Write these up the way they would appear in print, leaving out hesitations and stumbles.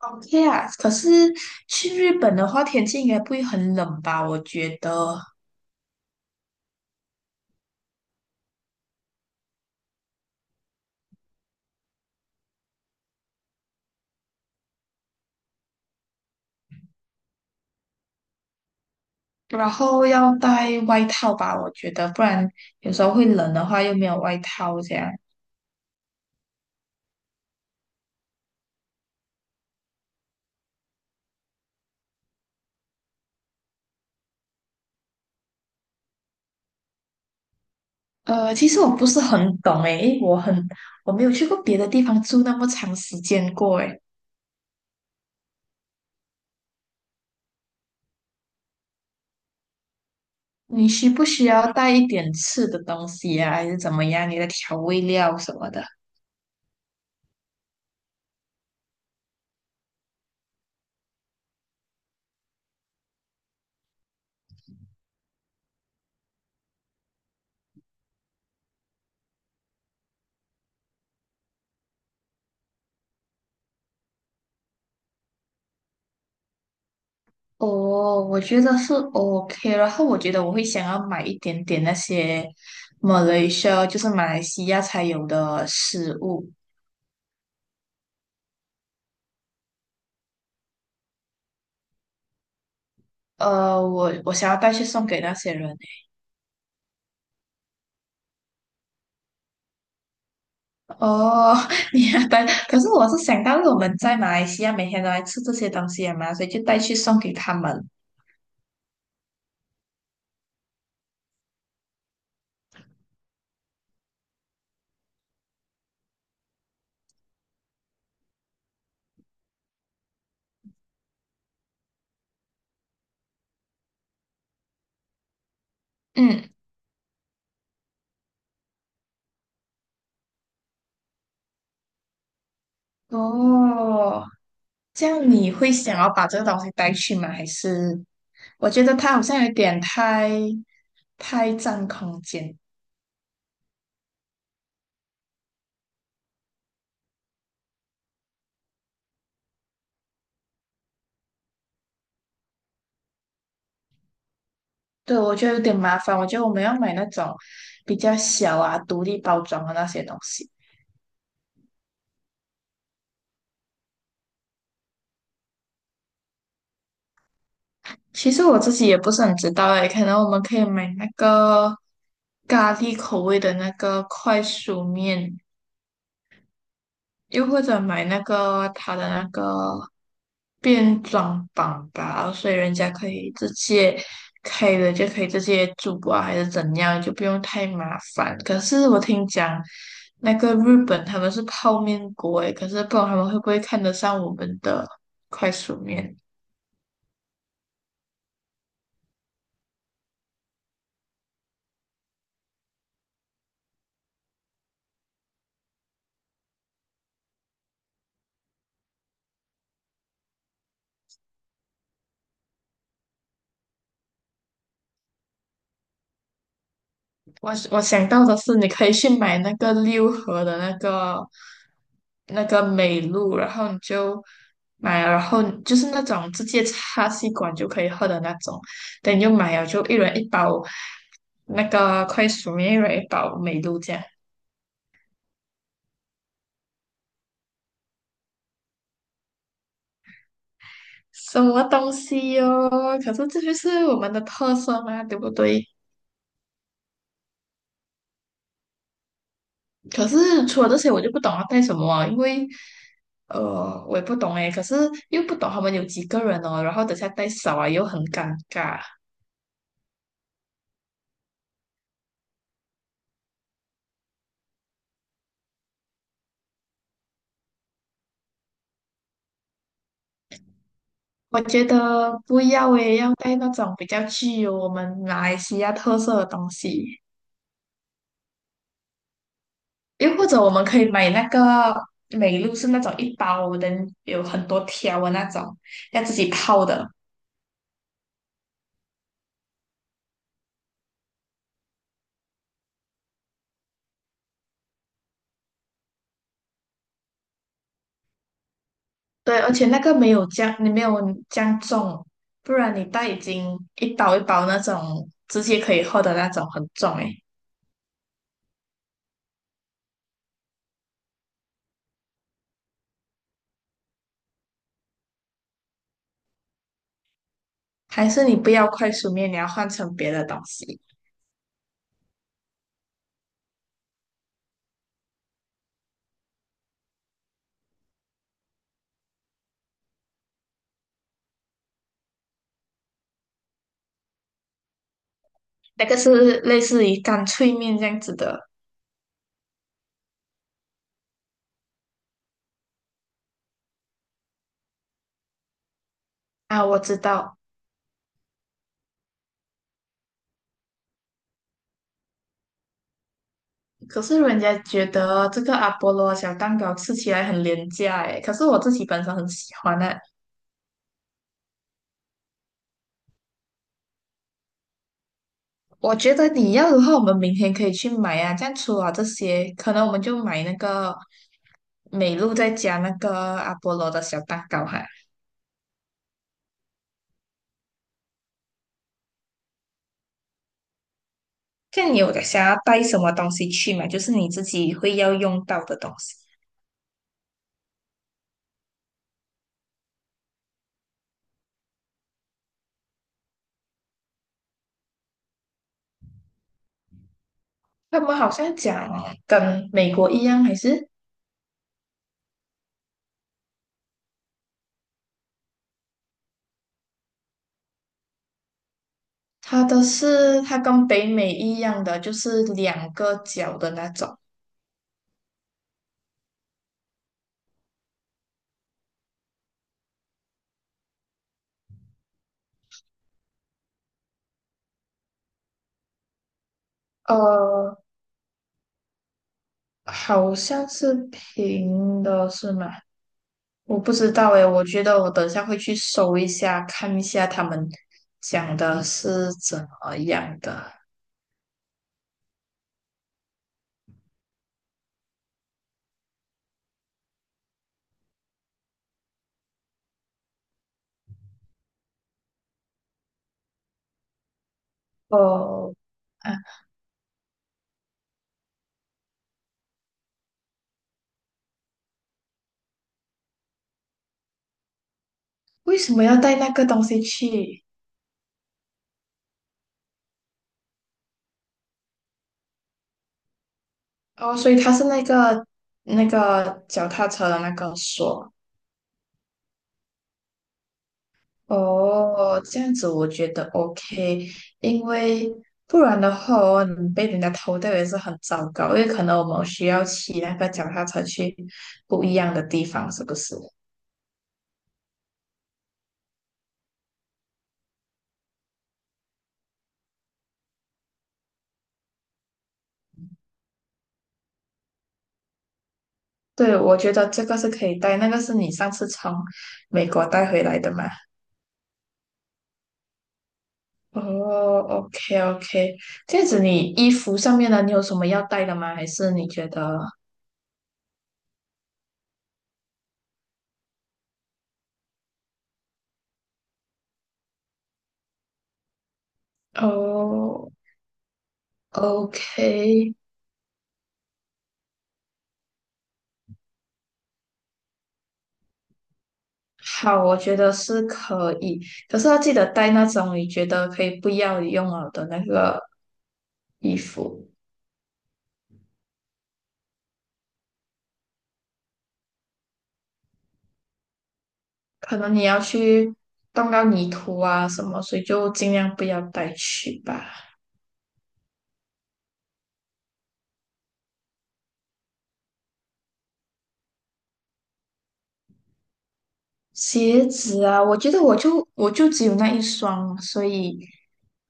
OK 啊，可是去日本的话，天气应该不会很冷吧？我觉得，然后要带外套吧，我觉得，不然有时候会冷的话又没有外套这样。其实我不是很懂诶，因为我没有去过别的地方住那么长时间过诶。你需不需要带一点吃的东西呀？还是怎么样？你的调味料什么的？哦，我觉得是 OK,然后我觉得我会想要买一点点那些 Malaysia,就是马来西亚才有的食物。我想要带去送给那些人欸哦，你要带，可是我是想到我们在马来西亚每天都来吃这些东西嘛，所以就带去送给他们。嗯，哦，这样你会想要把这个东西带去吗？还是我觉得它好像有点太占空间。对，我觉得有点麻烦。我觉得我们要买那种比较小啊、独立包装的那些东西。其实我自己也不是很知道诶，可能我们可以买那个咖喱口味的那个快熟面，又或者买那个它的那个变装版吧，所以人家可以直接开了就可以直接煮啊，还是怎样，就不用太麻烦。可是我听讲，那个日本他们是泡面国诶，可是不知道他们会不会看得上我们的快速面。我想到的是，你可以去买那个六合的那个那个美露，然后你就买了然后就是那种直接插吸管就可以喝的那种。等你就买了，就一人一包那个快速面，一人一包美露酱。什么东西哟、可是这就是我们的特色嘛，对不对？可是除了这些，我就不懂要带什么啊，因为我也不懂诶，可是又不懂他们有几个人哦，然后等下带少啊又很尴尬。我觉得不要诶，要带那种比较具有我们马来西亚特色的东西，又或者我们可以买那个美露，是那种一包的，有很多条的那种，要自己泡的。对，而且那个没有这样，你没有这样重，不然你带已经一包一包那种直接可以喝的那种很重诶。还是你不要快速面，你要换成别的东西，那个是类似于干脆面这样子的啊，我知道。可是人家觉得这个阿波罗小蛋糕吃起来很廉价诶，可是我自己本身很喜欢呢、我觉得你要的话，我们明天可以去买啊。这样除了这些，可能我们就买那个美露，再加那个阿波罗的小蛋糕哈。这样你有想要带什么东西去吗？就是你自己会要用到的东西。他们好像讲跟美国一样，还是它的是它跟北美一样的，就是两个角的那种。呃，好像是平的，是吗？我不知道诶，我觉得我等下会去搜一下，看一下他们讲的是怎么样的。哦，啊，为什么要带那个东西去？哦，所以它是那个脚踏车的那个锁。哦，这样子我觉得 OK,因为不然的话哦，你被人家偷掉也是很糟糕，因为可能我们需要骑那个脚踏车去不一样的地方，是不是？对，我觉得这个是可以带，那个是你上次从美国带回来的嘛？哦，OK OK,这样子你衣服上面的你有什么要带的吗？还是你觉得？哦，OK,好，我觉得是可以，可是要记得带那种你觉得可以不要用了的那个衣服，可能你要去动到泥土啊什么，所以就尽量不要带去吧。鞋子啊，我觉得我就只有那一双所以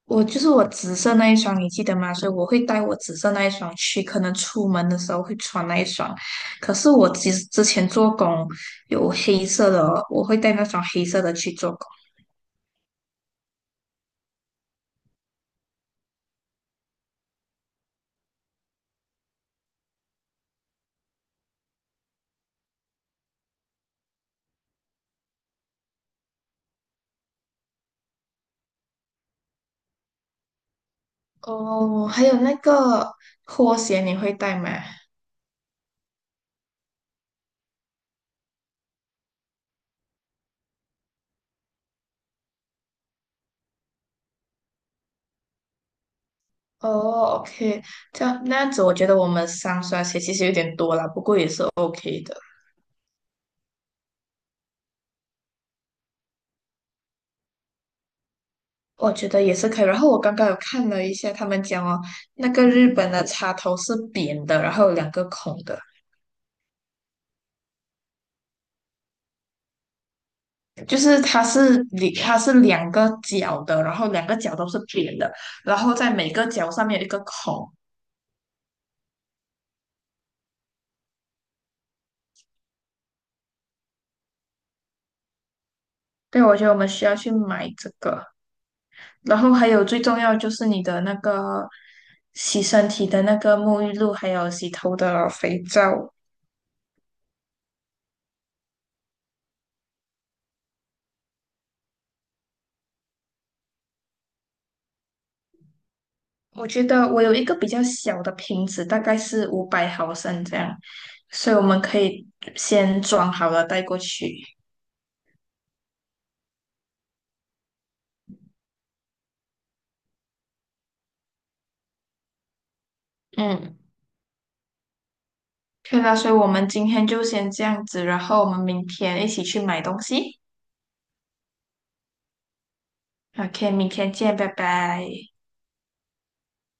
我就是我紫色那一双，你记得吗？所以我会带我紫色那一双去，可能出门的时候会穿那一双。可是我之前做工有黑色的哦，我会带那双黑色的去做工。哦，还有那个拖鞋你会带吗？哦，OK,这样那样子，我觉得我们三双鞋其实有点多了，不过也是 OK 的。我觉得也是可以。然后我刚刚有看了一下，他们讲哦，那个日本的插头是扁的，然后有两个孔的，就是它是两个角的，然后两个角都是扁的，然后在每个角上面有一个孔。对，我觉得我们需要去买这个。然后还有最重要就是你的那个洗身体的那个沐浴露，还有洗头的肥皂。我觉得我有一个比较小的瓶子，大概是500毫升这样，所以我们可以先装好了带过去。嗯，可以啦，所以我们今天就先这样子，然后我们明天一起去买东西。OK,明天见，拜拜。